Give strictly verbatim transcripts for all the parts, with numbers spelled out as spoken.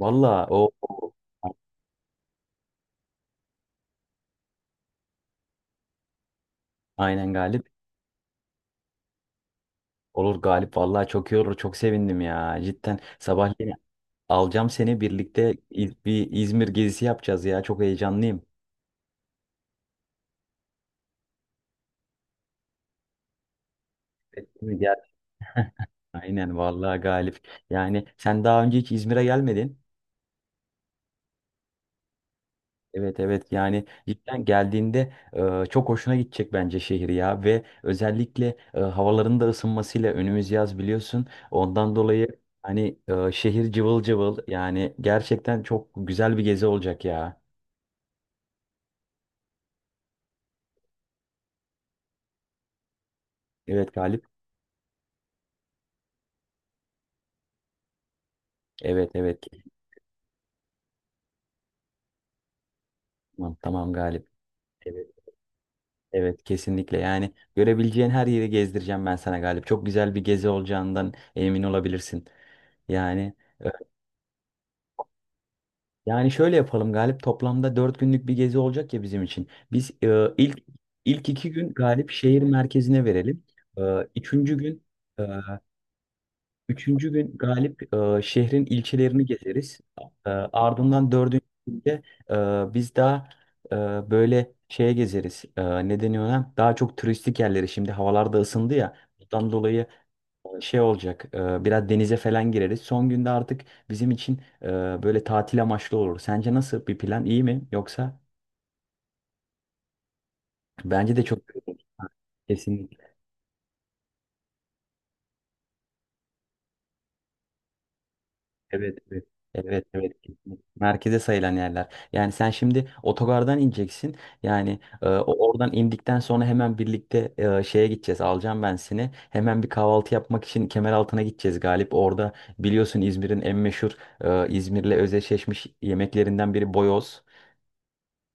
Valla o o- aynen Galip. Olur Galip valla çok iyi olur. Çok sevindim ya. Cidden sabahleyin alacağım seni birlikte İz- bir İzmir gezisi yapacağız ya. Çok heyecanlıyım. Evet, değil mi? Gel. Aynen valla Galip. Yani sen daha önce hiç İzmir'e gelmedin. Evet evet yani cidden geldiğinde e, çok hoşuna gidecek bence şehir ya ve özellikle e, havaların da ısınmasıyla önümüz yaz biliyorsun ondan dolayı hani e, şehir cıvıl cıvıl yani gerçekten çok güzel bir gezi olacak ya. Evet Galip. Evet evet tamam, tamam Galip. Evet evet kesinlikle yani görebileceğin her yeri gezdireceğim ben sana Galip. Çok güzel bir gezi olacağından emin olabilirsin yani. Yani şöyle yapalım Galip, toplamda dört günlük bir gezi olacak ya bizim için. Biz e, ilk ilk iki gün Galip şehir merkezine verelim. E, üçüncü gün e, Üçüncü gün Galip e, şehrin ilçelerini gezeriz. E, ardından dördüncü günde e, biz daha e, böyle şeye gezeriz. E, ne deniyor ona? Daha çok turistik yerleri, şimdi havalar da ısındı ya. Bundan dolayı ee, şey olacak, e, biraz denize falan gireriz. Son günde artık bizim için e, böyle tatil amaçlı olur. Sence nasıl bir plan? İyi mi? Yoksa bence de çok güzel olur. Ha, kesinlikle. Evet, evet. Evet, evet, kesinlikle. Merkeze sayılan yerler. Yani sen şimdi otogardan ineceksin. Yani e, o- oradan indikten sonra hemen birlikte e, şeye gideceğiz. Alacağım ben seni. Hemen bir kahvaltı yapmak için Kemeraltı'na gideceğiz Galip. Orada biliyorsun İzmir'in en meşhur e, İzmir'le özdeşleşmiş yemeklerinden biri boyoz.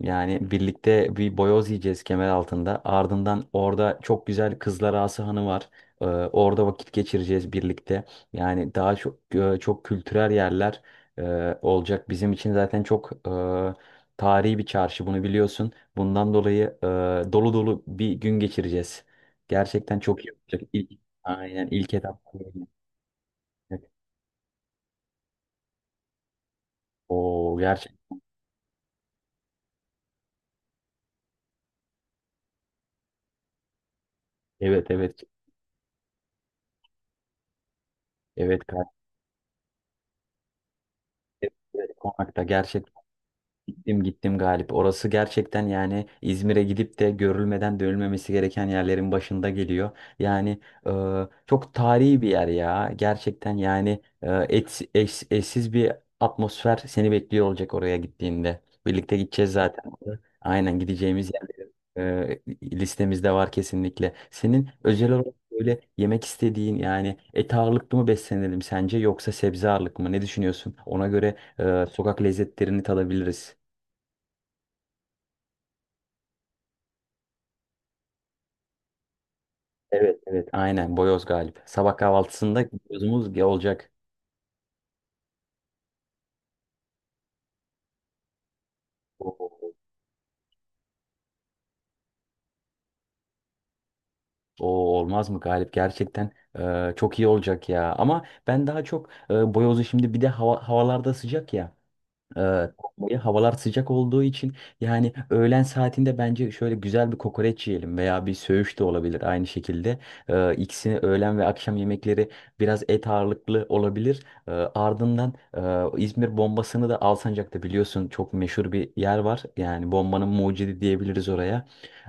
Yani birlikte bir boyoz yiyeceğiz kemer altında. Ardından orada çok güzel Kızlar Ağası Hanı var. Ee, orada vakit geçireceğiz birlikte. Yani daha çok e, çok kültürel yerler e, olacak. Bizim için zaten çok e, tarihi bir çarşı bunu biliyorsun. Bundan dolayı e, dolu dolu bir gün geçireceğiz. Gerçekten çok iyi olacak. İlk, aynen ilk etap. O gerçekten. Evet, evet. Evet. Evet, evet, Konakta gerçekten. Gittim gittim Galip. Orası gerçekten yani İzmir'e gidip de görülmeden dönülmemesi gereken yerlerin başında geliyor. Yani e, çok tarihi bir yer ya. Gerçekten yani e, et- eş- eşsiz bir atmosfer seni bekliyor olacak oraya gittiğinde. Birlikte gideceğiz zaten. Aynen, gideceğimiz yerleri e, listemizde var kesinlikle. Senin özel olarak böyle yemek istediğin, yani et ağırlıklı mı beslenelim sence yoksa sebze ağırlıklı mı? Ne düşünüyorsun? Ona göre e, sokak lezzetlerini tadabiliriz. Evet evet aynen boyoz Galip. Sabah kahvaltısında boyozumuz olacak. Oo, oo, olmaz mı Galip, gerçekten e, çok iyi olacak ya. Ama ben daha çok e, boyozu, şimdi bir de hava, havalarda sıcak ya. Evet. Havalar sıcak olduğu için yani öğlen saatinde bence şöyle güzel bir kokoreç yiyelim veya bir söğüş de olabilir aynı şekilde. Ee, ikisini öğlen ve akşam yemekleri, biraz et ağırlıklı olabilir. Ee, ardından e, İzmir bombasını da Alsancak'ta biliyorsun, çok meşhur bir yer var. Yani bombanın mucidi diyebiliriz oraya.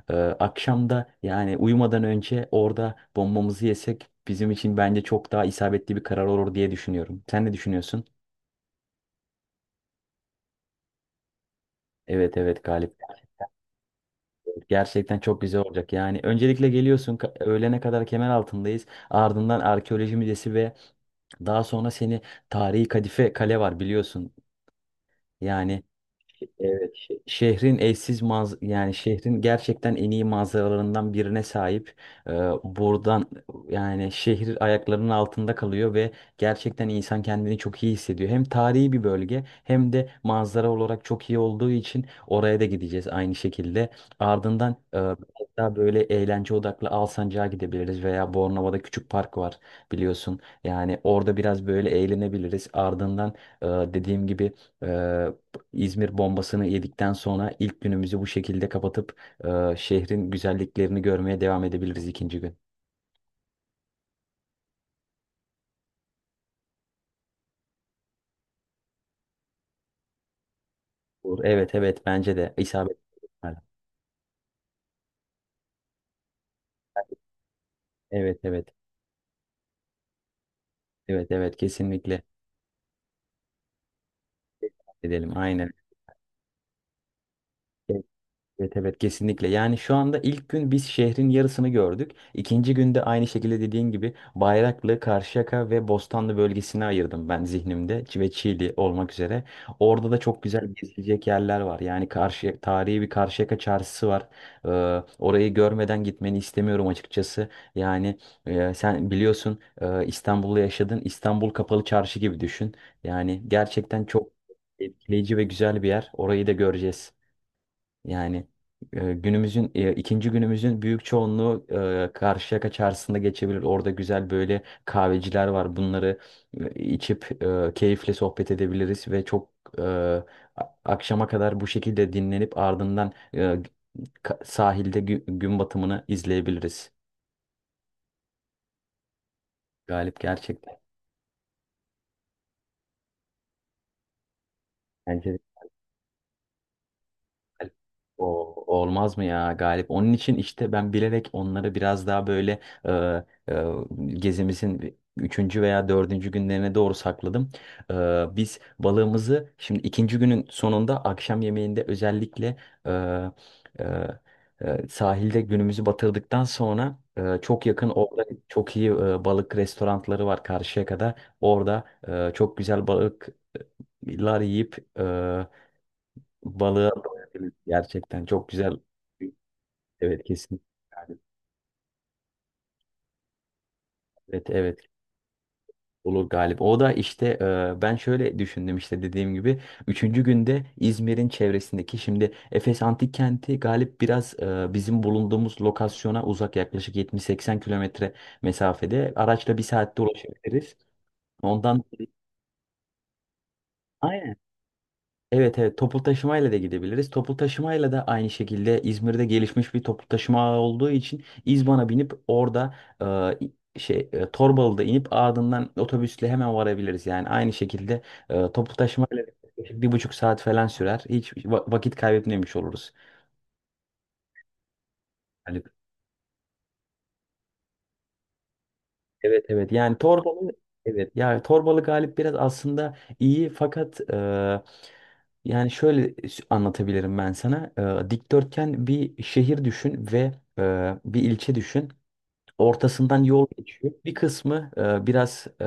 Ee, akşam, yani uyumadan önce orada bombamızı yesek bizim için bence çok daha isabetli bir karar olur diye düşünüyorum. Sen ne düşünüyorsun? Evet evet Galip. Gerçekten çok güzel olacak. Yani öncelikle geliyorsun, ka- öğlene kadar kemer altındayız. Ardından Arkeoloji Müzesi ve daha sonra seni, tarihi Kadife Kale var biliyorsun. Yani evet, şe- şehrin eşsiz maz yani şehrin gerçekten en iyi manzaralarından birine sahip. Ee, Buradan yani şehir ayaklarının altında kalıyor ve gerçekten insan kendini çok iyi hissediyor. Hem tarihi bir bölge hem de manzara olarak çok iyi olduğu için oraya da gideceğiz aynı şekilde. Ardından e, biraz daha böyle eğlence odaklı Alsancak'a gidebiliriz veya Bornova'da Küçük Park var biliyorsun. Yani orada biraz böyle eğlenebiliriz. Ardından e, dediğim gibi, İzmir bombasını yedikten sonra ilk günümüzü bu şekilde kapatıp e, şehrin güzelliklerini görmeye devam edebiliriz ikinci gün. Olur. Evet evet bence de isabet. Evet evet evet evet kesinlikle edelim aynen. Evet evet kesinlikle. Yani şu anda ilk gün biz şehrin yarısını gördük. İkinci günde aynı şekilde dediğin gibi Bayraklı, Karşıyaka ve Bostanlı bölgesini ayırdım ben zihnimde, Ç- ve Çiğli olmak üzere. Orada da çok güzel gezilecek yerler var. Yani karşı tarihi bir Karşıyaka çarşısı var. Ee, Orayı görmeden gitmeni istemiyorum açıkçası. Yani e, sen biliyorsun e, İstanbul'da yaşadın. İstanbul Kapalı Çarşı gibi düşün. Yani gerçekten çok etkileyici ve güzel bir yer. Orayı da göreceğiz. Yani e, günümüzün e, ikinci günümüzün büyük çoğunluğu e, Karşıyaka Çarşısı'nda geçebilir. Orada güzel böyle kahveciler var. Bunları e, içip e, keyifle sohbet edebiliriz ve çok e, a- akşama kadar bu şekilde dinlenip ardından e, ka- sahilde gü- gün batımını izleyebiliriz. Galip, gerçekten. Bence de. O, olmaz mı ya Galip? Onun için işte ben bilerek onları biraz daha böyle e, e, gezimizin üçüncü veya dördüncü günlerine doğru sakladım. E, Biz balığımızı şimdi ikinci günün sonunda, akşam yemeğinde özellikle e, e, e, sahilde günümüzü batırdıktan sonra, e, çok yakın orada çok iyi e, balık restoranları var karşıya kadar. Orada e, çok güzel balıklar yiyip e, balığa doyabilir. Gerçekten çok güzel. Evet kesin. Yani. Evet evet olur Galip. O da işte e, ben şöyle düşündüm, işte dediğim gibi. Üçüncü günde İzmir'in çevresindeki, şimdi Efes Antik Kenti Galip biraz e, bizim bulunduğumuz lokasyona uzak, yaklaşık 70-80 kilometre mesafede. Araçla bir saatte ulaşabiliriz. Ondan. Aynen. Evet evet toplu taşımayla da gidebiliriz. Toplu taşımayla da aynı şekilde, İzmir'de gelişmiş bir toplu taşıma ağı olduğu için, İzban'a binip orada e, şey e, Torbalı'da inip ardından otobüsle hemen varabiliriz. Yani aynı şekilde e, toplu taşımayla bir buçuk saat falan sürer. Hiç va- vakit kaybetmemiş oluruz. Yani evet evet yani Torbalı, evet yani Torbalı Galip biraz aslında iyi, fakat e, yani şöyle s- anlatabilirim ben sana. E, dikdörtgen bir şehir düşün ve e, bir ilçe düşün, ortasından yol geçiyor. Bir kısmı e, biraz e,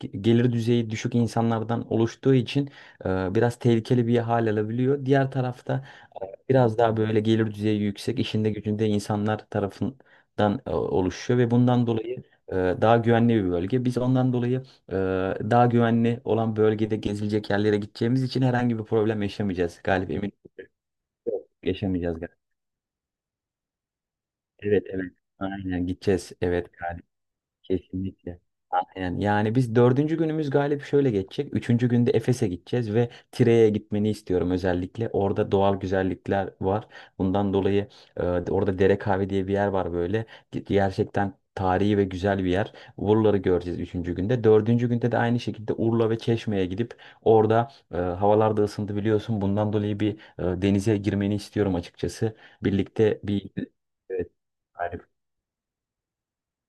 ge- gelir düzeyi düşük insanlardan oluştuğu için e, biraz tehlikeli bir hal alabiliyor, diğer tarafta biraz daha böyle gelir düzeyi yüksek, işinde gücünde insanlar tarafından e, oluşuyor ve bundan dolayı e, daha güvenli bir bölge. Biz ondan dolayı e, daha güvenli olan bölgede gezilecek yerlere gideceğimiz için herhangi bir problem yaşamayacağız Galip, emin yaşamayacağız Galip. Evet evet. Aynen gideceğiz. Evet. Kesinlikle. Aynen. Yani biz dördüncü günümüz Galip şöyle geçecek. Üçüncü günde Efes'e gideceğiz ve Tire'ye gitmeni istiyorum özellikle. Orada doğal güzellikler var. Bundan dolayı e, orada Dere Kahve diye bir yer var böyle. Gerçekten tarihi ve güzel bir yer. Urla'ları göreceğiz üçüncü günde. Dördüncü günde de aynı şekilde Urla ve Çeşme'ye gidip orada, e, havalar da ısındı biliyorsun, bundan dolayı bir e, denize girmeni istiyorum açıkçası. Birlikte bir... Evet.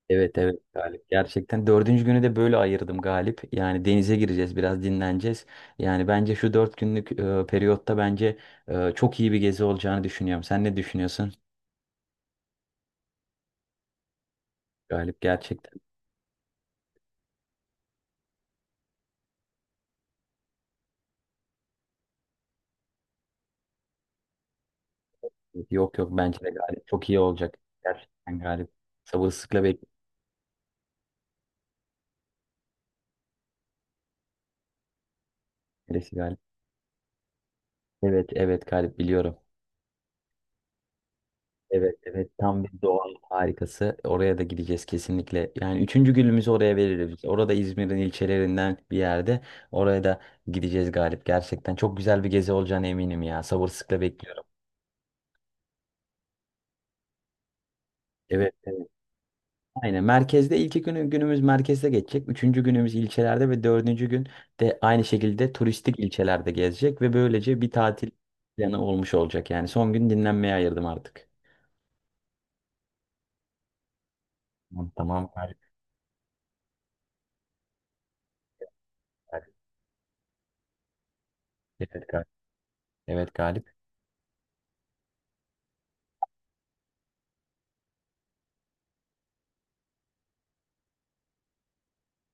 Evet evet Galip, gerçekten dördüncü günü de böyle ayırdım Galip, yani denize gireceğiz, biraz dinleneceğiz. Yani bence şu dört günlük e, periyotta bence e, çok iyi bir gezi olacağını düşünüyorum, sen ne düşünüyorsun Galip? Gerçekten yok yok, bence de Galip çok iyi olacak, gerçekten Galip, sabırsızlıkla bekliyorum. Neresi Galip? Evet evet Galip biliyorum. Evet evet tam bir doğal harikası. Oraya da gideceğiz kesinlikle. Yani üçüncü günümüzü oraya veririz. Orada İzmir'in ilçelerinden bir yerde. Oraya da gideceğiz Galip. Gerçekten çok güzel bir gezi olacağına eminim ya. Sabırsızlıkla bekliyorum. Evet evet. Aynen, merkezde ilk günü, günümüz merkezde geçecek. Üçüncü günümüz ilçelerde ve dördüncü gün de aynı şekilde turistik ilçelerde gezecek. Ve böylece bir tatil planı olmuş olacak. Yani son gün dinlenmeye ayırdım artık. Tamam tamam Galip. Galip. Evet Galip. Evet, Galip.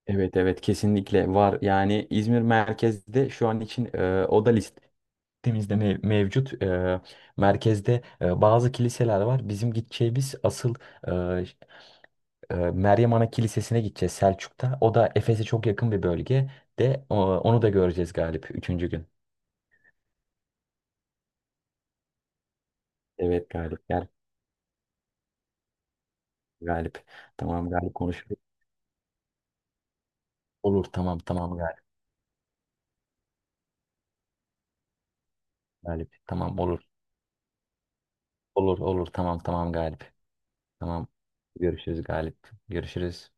Evet evet kesinlikle var. Yani İzmir merkezde şu an için e, o da listemizde mev- mevcut. E, merkezde e, bazı kiliseler var. Bizim gideceğimiz asıl e, ş- e, Meryem Ana Kilisesi'ne gideceğiz Selçuk'ta. O da Efes'e çok yakın bir bölge, de o- onu da göreceğiz Galip üçüncü gün. Evet Galip, gel Galip. Tamam Galip konuşuruz. Olur tamam tamam Galip. Galip tamam olur. Olur olur tamam tamam Galip. Tamam görüşürüz Galip. Görüşürüz.